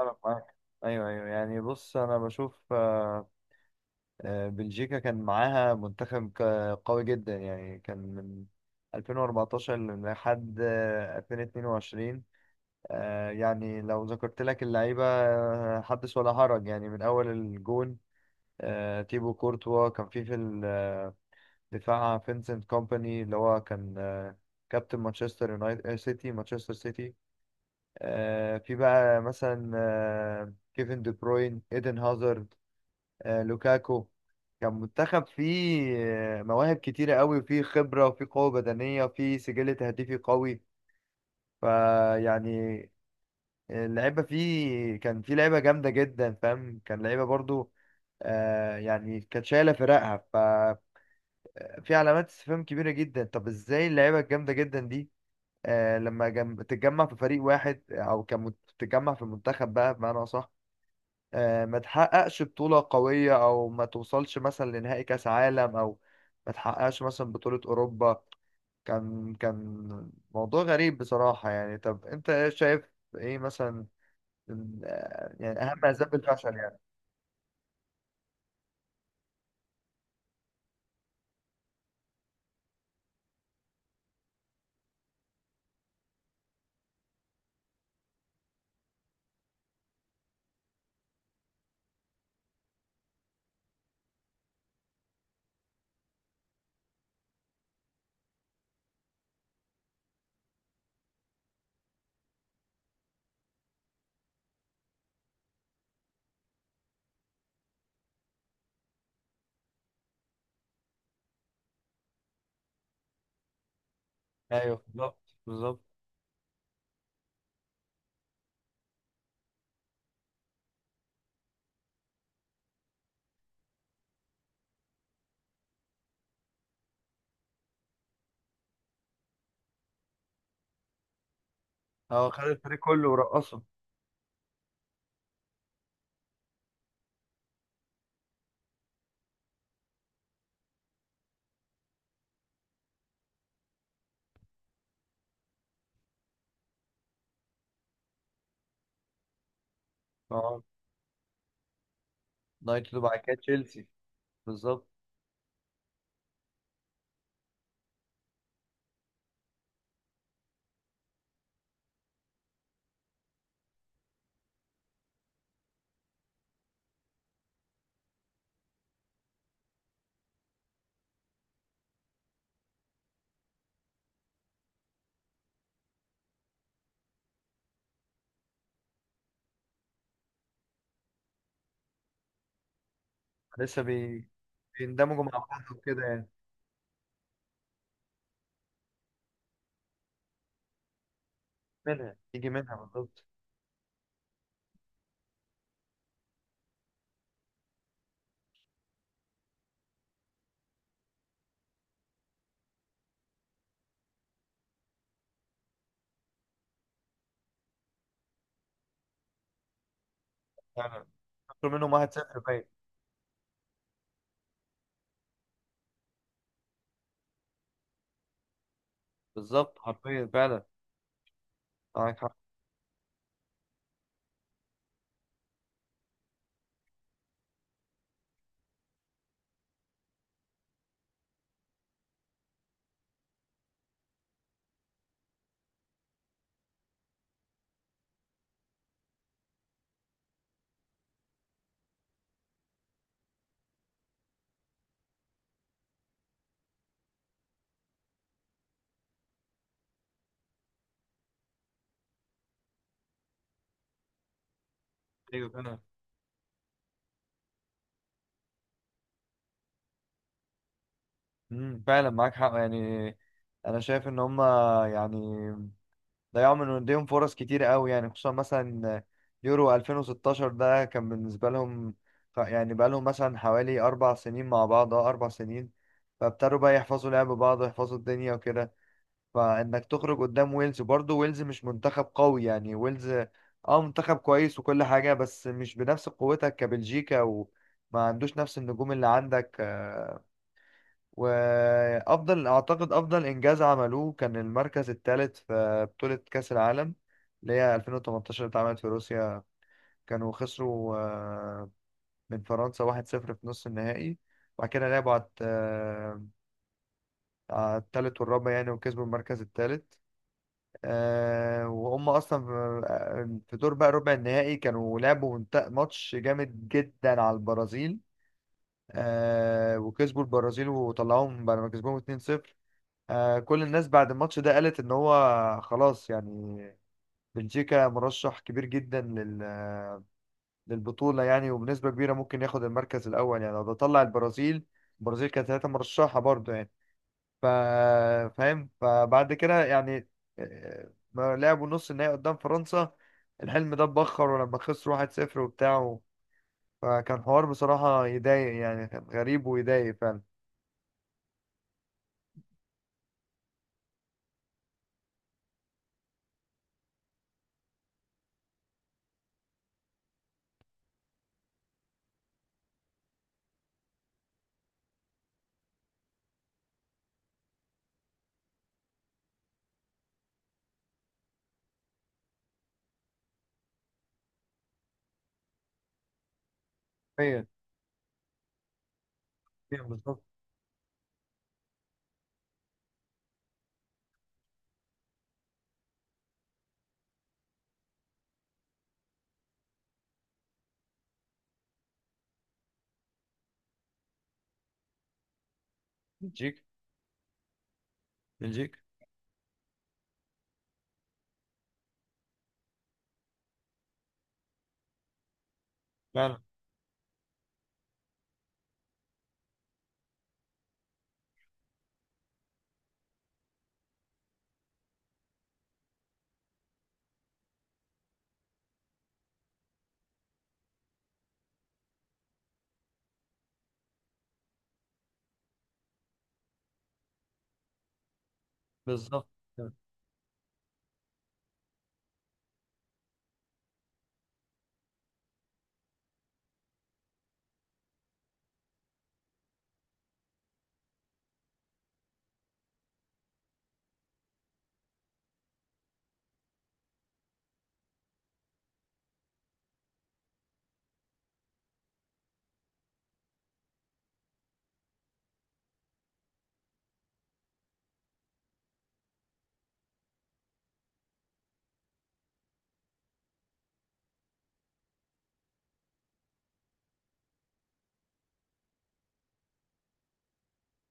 أنا معاك. أيوه، أيوه، يعني بص أنا بشوف. بلجيكا كان معاها منتخب قوي جدا، يعني كان من 2014 لحد 2022. يعني لو ذكرت لك اللعيبة، حدث ولا حرج، يعني من أول الجون. تيبو كورتوا كان في الدفاع. فينسنت كومباني اللي هو كان كابتن مانشستر يونايتد، مانشستر سيتي. في بقى مثلا كيفن دي بروين، ايدن هازارد، لوكاكو. كان منتخب فيه مواهب كتيرة قوي، وفيه خبرة، وفيه قوة بدنية، وفيه سجل تهديفي قوي. فيعني اللعيبة فيه كان فيه لعيبة جامدة جدا، فاهم؟ كان لعيبة برضو يعني كانت شايلة فرقها. ففي علامات استفهام كبيرة جدا، طب ازاي اللعيبة الجامدة جدا دي تتجمع في فريق واحد، او تتجمع في منتخب بقى بمعنى اصح، ما تحققش بطولة قوية، أو ما توصلش مثلا لنهائي كأس عالم، أو ما تحققش مثلا بطولة أوروبا. كان كان موضوع غريب بصراحة يعني. طب أنت إيه شايف؟ إيه مثلا يعني أهم أسباب الفشل يعني؟ أيوه، بالظبط، بالظبط. هو خد الفريق كله ورقصه. أه، نايت وبعد كده تشيلسي. بالظبط. لسه بي... بيندمجوا مع بعض وكده يعني. منها يجي منها، بالظبط. فعلا، خسروا منهم 1-0 باين. بالظبط، حرفيا، فعلا، معاك حق. ايوه فعلا. امم، فعلا معاك حق يعني. انا شايف ان هم يعني ضيعوا من ايديهم فرص كتير قوي، يعني خصوصا مثلا يورو 2016 ده كان بالنسبه لهم. يعني بقى لهم مثلا حوالي اربع سنين مع بعض، اه اربع سنين. فابتدوا بقى يحفظوا لعب بعض ويحفظوا الدنيا وكده. فانك تخرج قدام ويلز، برضه ويلز مش منتخب قوي يعني. ويلز اه منتخب كويس وكل حاجه، بس مش بنفس قوتك كبلجيكا، وما عندوش نفس النجوم اللي عندك. وافضل اعتقد افضل انجاز عملوه كان المركز الثالث في بطولة كأس العالم اللي هي 2018، اللي اتعملت في روسيا. كانوا خسروا من فرنسا 1-0 في نص النهائي. وبعد كده لعبوا على على الثالث والرابع يعني، وكسبوا المركز الثالث. وهم اصلا في في دور بقى ربع النهائي كانوا لعبوا ماتش جامد جدا على البرازيل. وكسبوا البرازيل وطلعوهم بعد ما كسبوهم 2-0. كل الناس بعد الماتش ده قالت ان هو خلاص يعني، بلجيكا مرشح كبير جدا لل آه، للبطولة، يعني وبنسبة كبيرة ممكن ياخد المركز الأول يعني. لو ده طلع البرازيل، البرازيل كانت ثلاثة مرشحة برضه يعني. ف فاهم؟ فبعد كده يعني ما لعبوا نص النهائي قدام فرنسا، الحلم ده اتبخر، ولما خسروا 1-0 وبتاع. فكان حوار بصراحة يضايق يعني، كان غريب ويضايق فعلا. أيوة، أيوة، بالظبط. بلجيكا، بلجيكا. فعلا، بالظبط.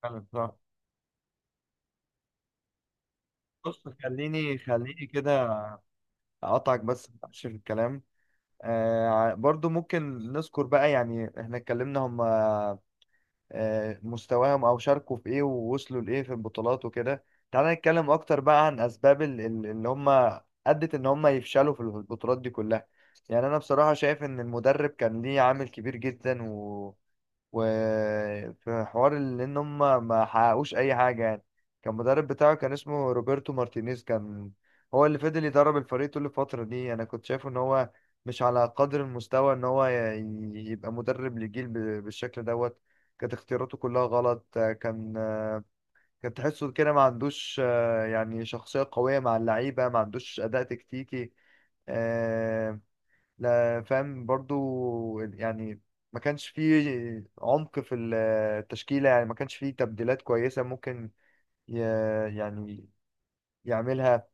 بالظبط. بص خليني خليني كده اقطعك بس في آخر الكلام. برضو ممكن نذكر بقى يعني احنا اتكلمنا هم آه مستواهم او شاركوا في ايه، ووصلوا لايه في البطولات وكده. تعالى نتكلم اكتر بقى عن اسباب اللي هم ادت ان هم يفشلوا في البطولات دي كلها. يعني انا بصراحة شايف ان المدرب كان ليه عامل كبير جدا، وفي حوار ان هم ما حققوش اي حاجه يعني. كان المدرب بتاعه كان اسمه روبرتو مارتينيز، كان هو اللي فضل يدرب الفريق طول الفتره دي. انا كنت شايفه ان هو مش على قدر المستوى ان هو يبقى مدرب لجيل بالشكل دوت. كانت اختياراته كلها غلط. كان كان تحسه كده ما عندوش يعني شخصيه قويه مع اللعيبه، ما عندوش اداء تكتيكي. آه، لا، فاهم برضو يعني. ما كانش فيه عمق في التشكيلة يعني، ما كانش فيه تبديلات كويسة ممكن ي- يعني يعملها.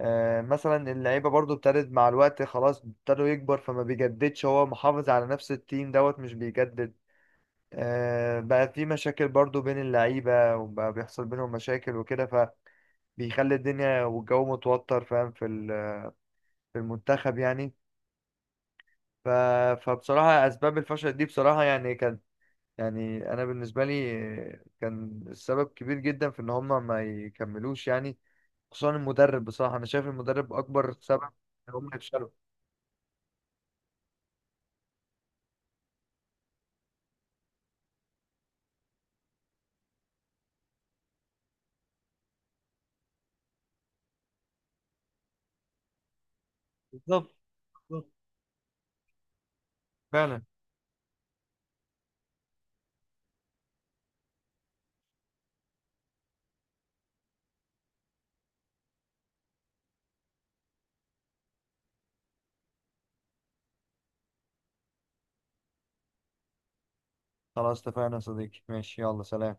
مثلا اللعيبة برضو ابتدت مع الوقت خلاص، ابتدوا يكبر، فما بيجددش. هو محافظ على نفس التيم دوت مش بيجدد. بقى في مشاكل برضو بين اللعيبة، وبقى بيحصل بينهم مشاكل وكده، فبيخلي الدنيا والجو متوتر، فاهم، في في المنتخب يعني. ف... فبصراحة أسباب الفشل دي بصراحة يعني كانت، يعني انا بالنسبه لي كان السبب كبير جدا في ان هم ما يكملوش يعني. خصوصا المدرب، بصراحه انا شايف المدرب اكبر سبب ان هم يفشلوا. بالظبط، بالظبط. فعلا. خلاص اتفقنا يا صديقي، ماشي، يلا، سلام.